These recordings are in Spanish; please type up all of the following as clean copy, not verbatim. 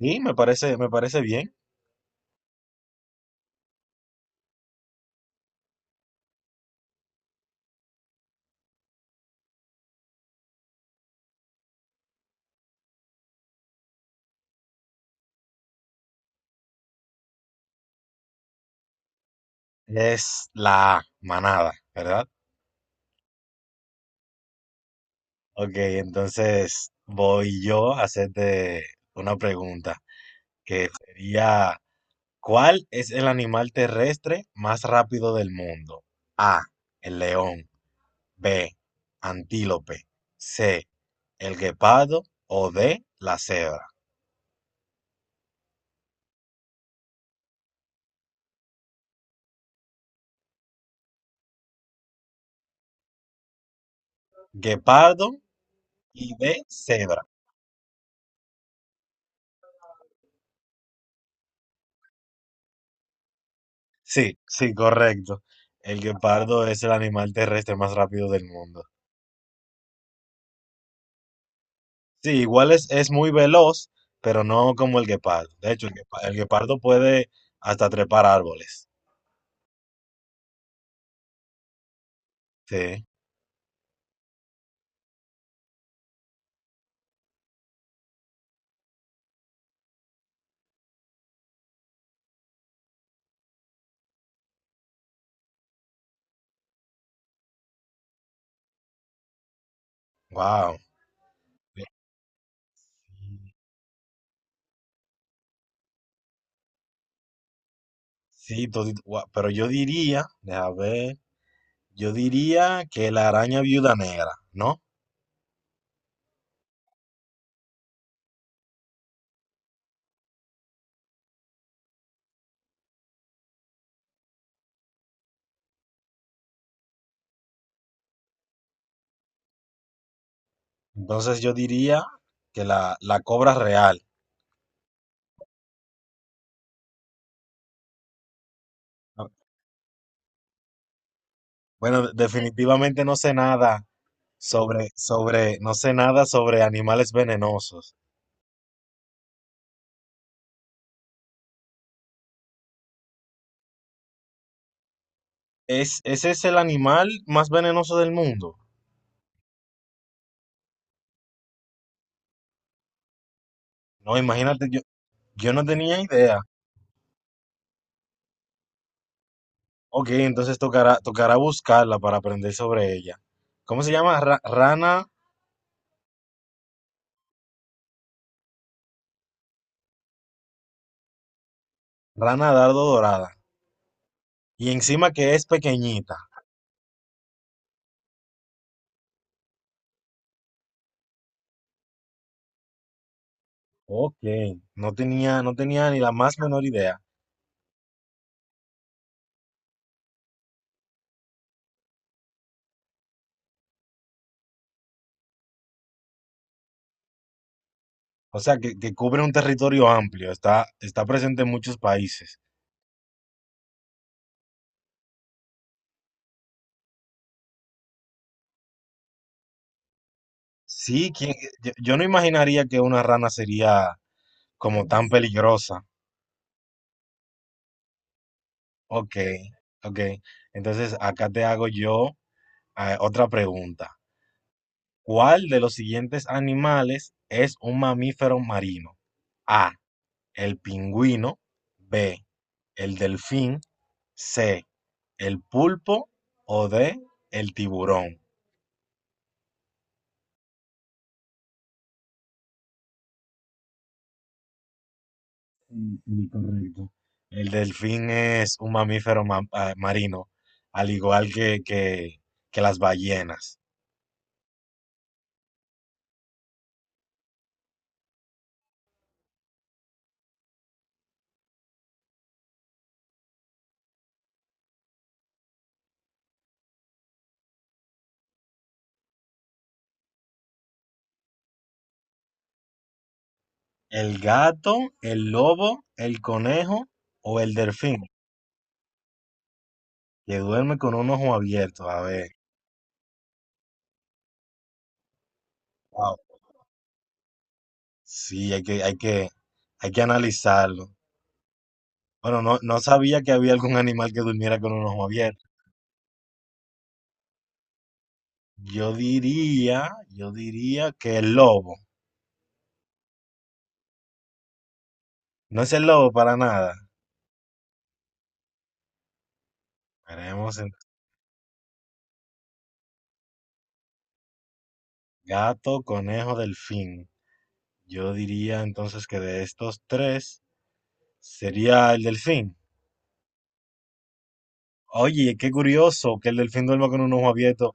Sí, me parece bien. Es la manada, ¿verdad? Ok, entonces voy yo a hacerte una pregunta, que sería, ¿cuál es el animal terrestre más rápido del mundo? A, el león, B, antílope, C, el guepardo o D, la cebra. Guepardo y D, cebra. Sí, sí, correcto. El guepardo es el animal terrestre más rápido del mundo. Sí, igual es muy veloz, pero no como el guepardo. De hecho, el guepardo puede hasta trepar árboles. Sí, wow. Sí, pero yo diría, déjame ver, yo diría que la araña viuda negra, ¿no? Entonces yo diría que la cobra real. Ah, Bueno, definitivamente no sé nada sobre, no sé nada sobre animales venenosos. ¿Es, ese es el animal más venenoso del mundo? No, imagínate. Yo no tenía idea. Ok, entonces tocará, tocará buscarla para aprender sobre ella. ¿Cómo se llama? Rana, rana dardo dorada. Y encima que es pequeñita. Ok, no tenía, no tenía ni la más menor idea. O sea, que cubre un territorio amplio, está, está presente en muchos países. Sí, ¿quién- yo no imaginaría que una rana sería como tan peligrosa. Ok, ok. Entonces acá te hago yo otra pregunta. ¿Cuál de los siguientes animales es un mamífero marino? A, el pingüino, B, el delfín, C, el pulpo o D, el tiburón. Mm, incorrecto. El delfín es un mamífero marino, al igual que, que las ballenas. ¿El gato, el lobo, el conejo o el delfín? Que duerme con un ojo abierto. A ver. Wow. Sí, hay que, hay que analizarlo. Bueno, no, no sabía que había algún animal que durmiera con un ojo abierto. Yo diría que el lobo. No es el lobo para nada. Veremos en gato, conejo, delfín. Yo diría entonces que de estos tres sería el delfín. Oye, qué curioso que el delfín duerma con un ojo abierto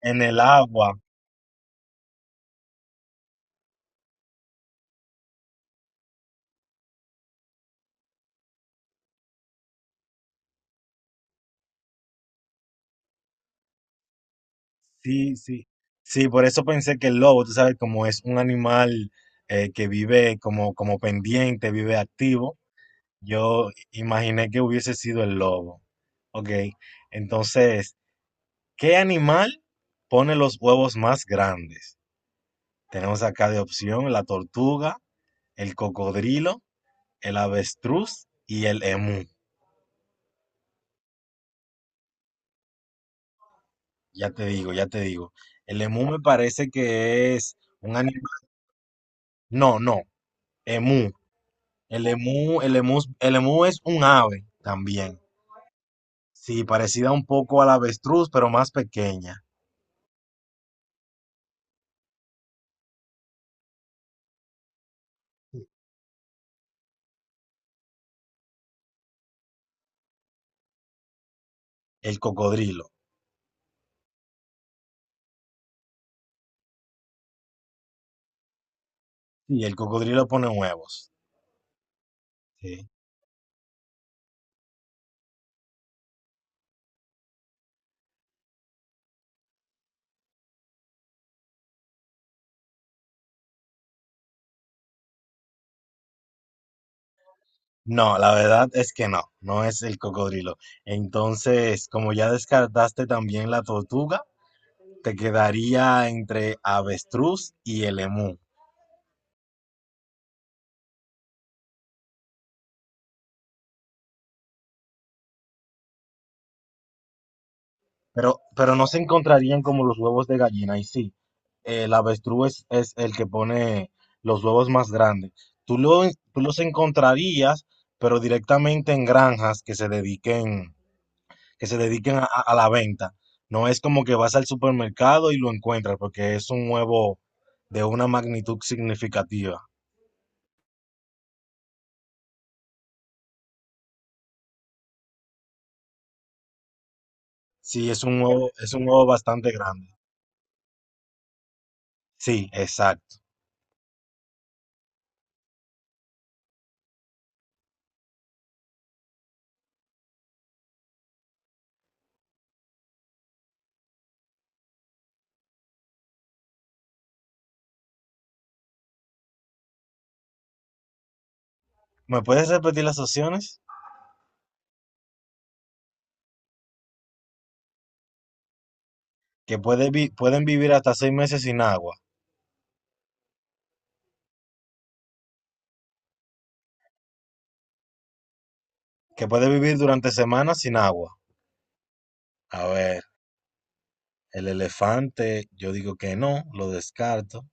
en el agua. Sí, sí, sí, por eso pensé que el lobo, tú sabes, como es un animal que vive como, como pendiente, vive activo, yo imaginé que hubiese sido el lobo. Ok, entonces, ¿qué animal pone los huevos más grandes? Tenemos acá de opción la tortuga, el cocodrilo, el avestruz y el emú. Ya te digo, ya te digo. El emú me parece que es un animal. No, no, emú. El emú es un ave también. Sí, parecida un poco al avestruz, pero más pequeña. El cocodrilo. Sí, el cocodrilo pone huevos. Sí. No, la verdad es que no, no es el cocodrilo. Entonces, como ya descartaste también la tortuga, te quedaría entre avestruz y el emú. Pero no se encontrarían como los huevos de gallina. Y sí, el avestruz es el que pone los huevos más grandes. Tú, lo, tú los encontrarías, pero directamente en granjas que se dediquen a la venta. No es como que vas al supermercado y lo encuentras, porque es un huevo de una magnitud significativa. Sí, es un huevo bastante grande. Sí, exacto. ¿Me puedes repetir las opciones? Que puede pueden vivir hasta 6 meses sin agua. Que puede vivir durante semanas sin agua. A ver, el elefante, yo digo que no, lo descarto.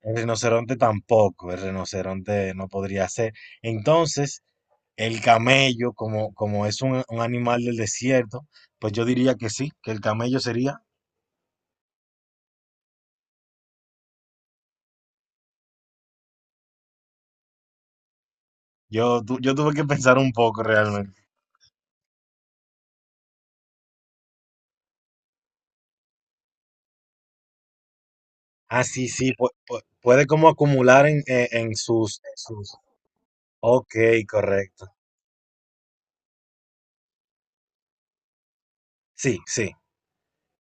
El rinoceronte tampoco, el rinoceronte no podría ser. Entonces, el camello, como, como es un animal del desierto, pues yo diría que sí, que el camello sería. Yo, yo tuve que pensar un poco realmente. Ah, sí, sí, puede como acumular en sus, en sus. Ok, correcto. Sí, sí.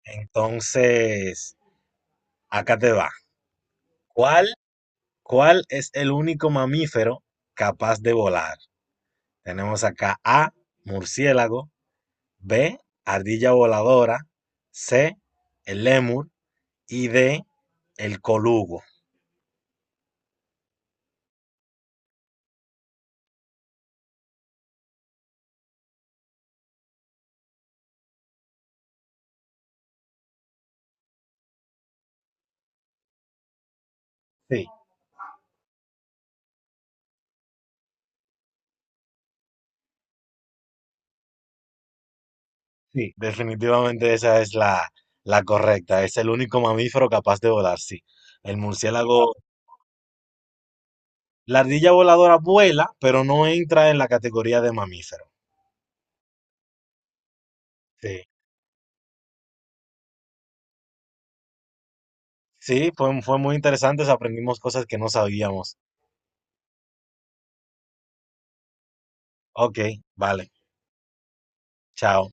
Entonces, acá te va. ¿Cuál ¿Cuál es el único mamífero capaz de volar? Tenemos acá A, murciélago, B, ardilla voladora, C, el lémur y D, el colugo. Sí, sí, definitivamente esa es la correcta. Es el único mamífero capaz de volar, sí. El murciélago, la ardilla voladora vuela, pero no entra en la categoría de mamífero. Sí, sí, fue, fue muy interesante, aprendimos cosas que no sabíamos. Ok, vale, chao.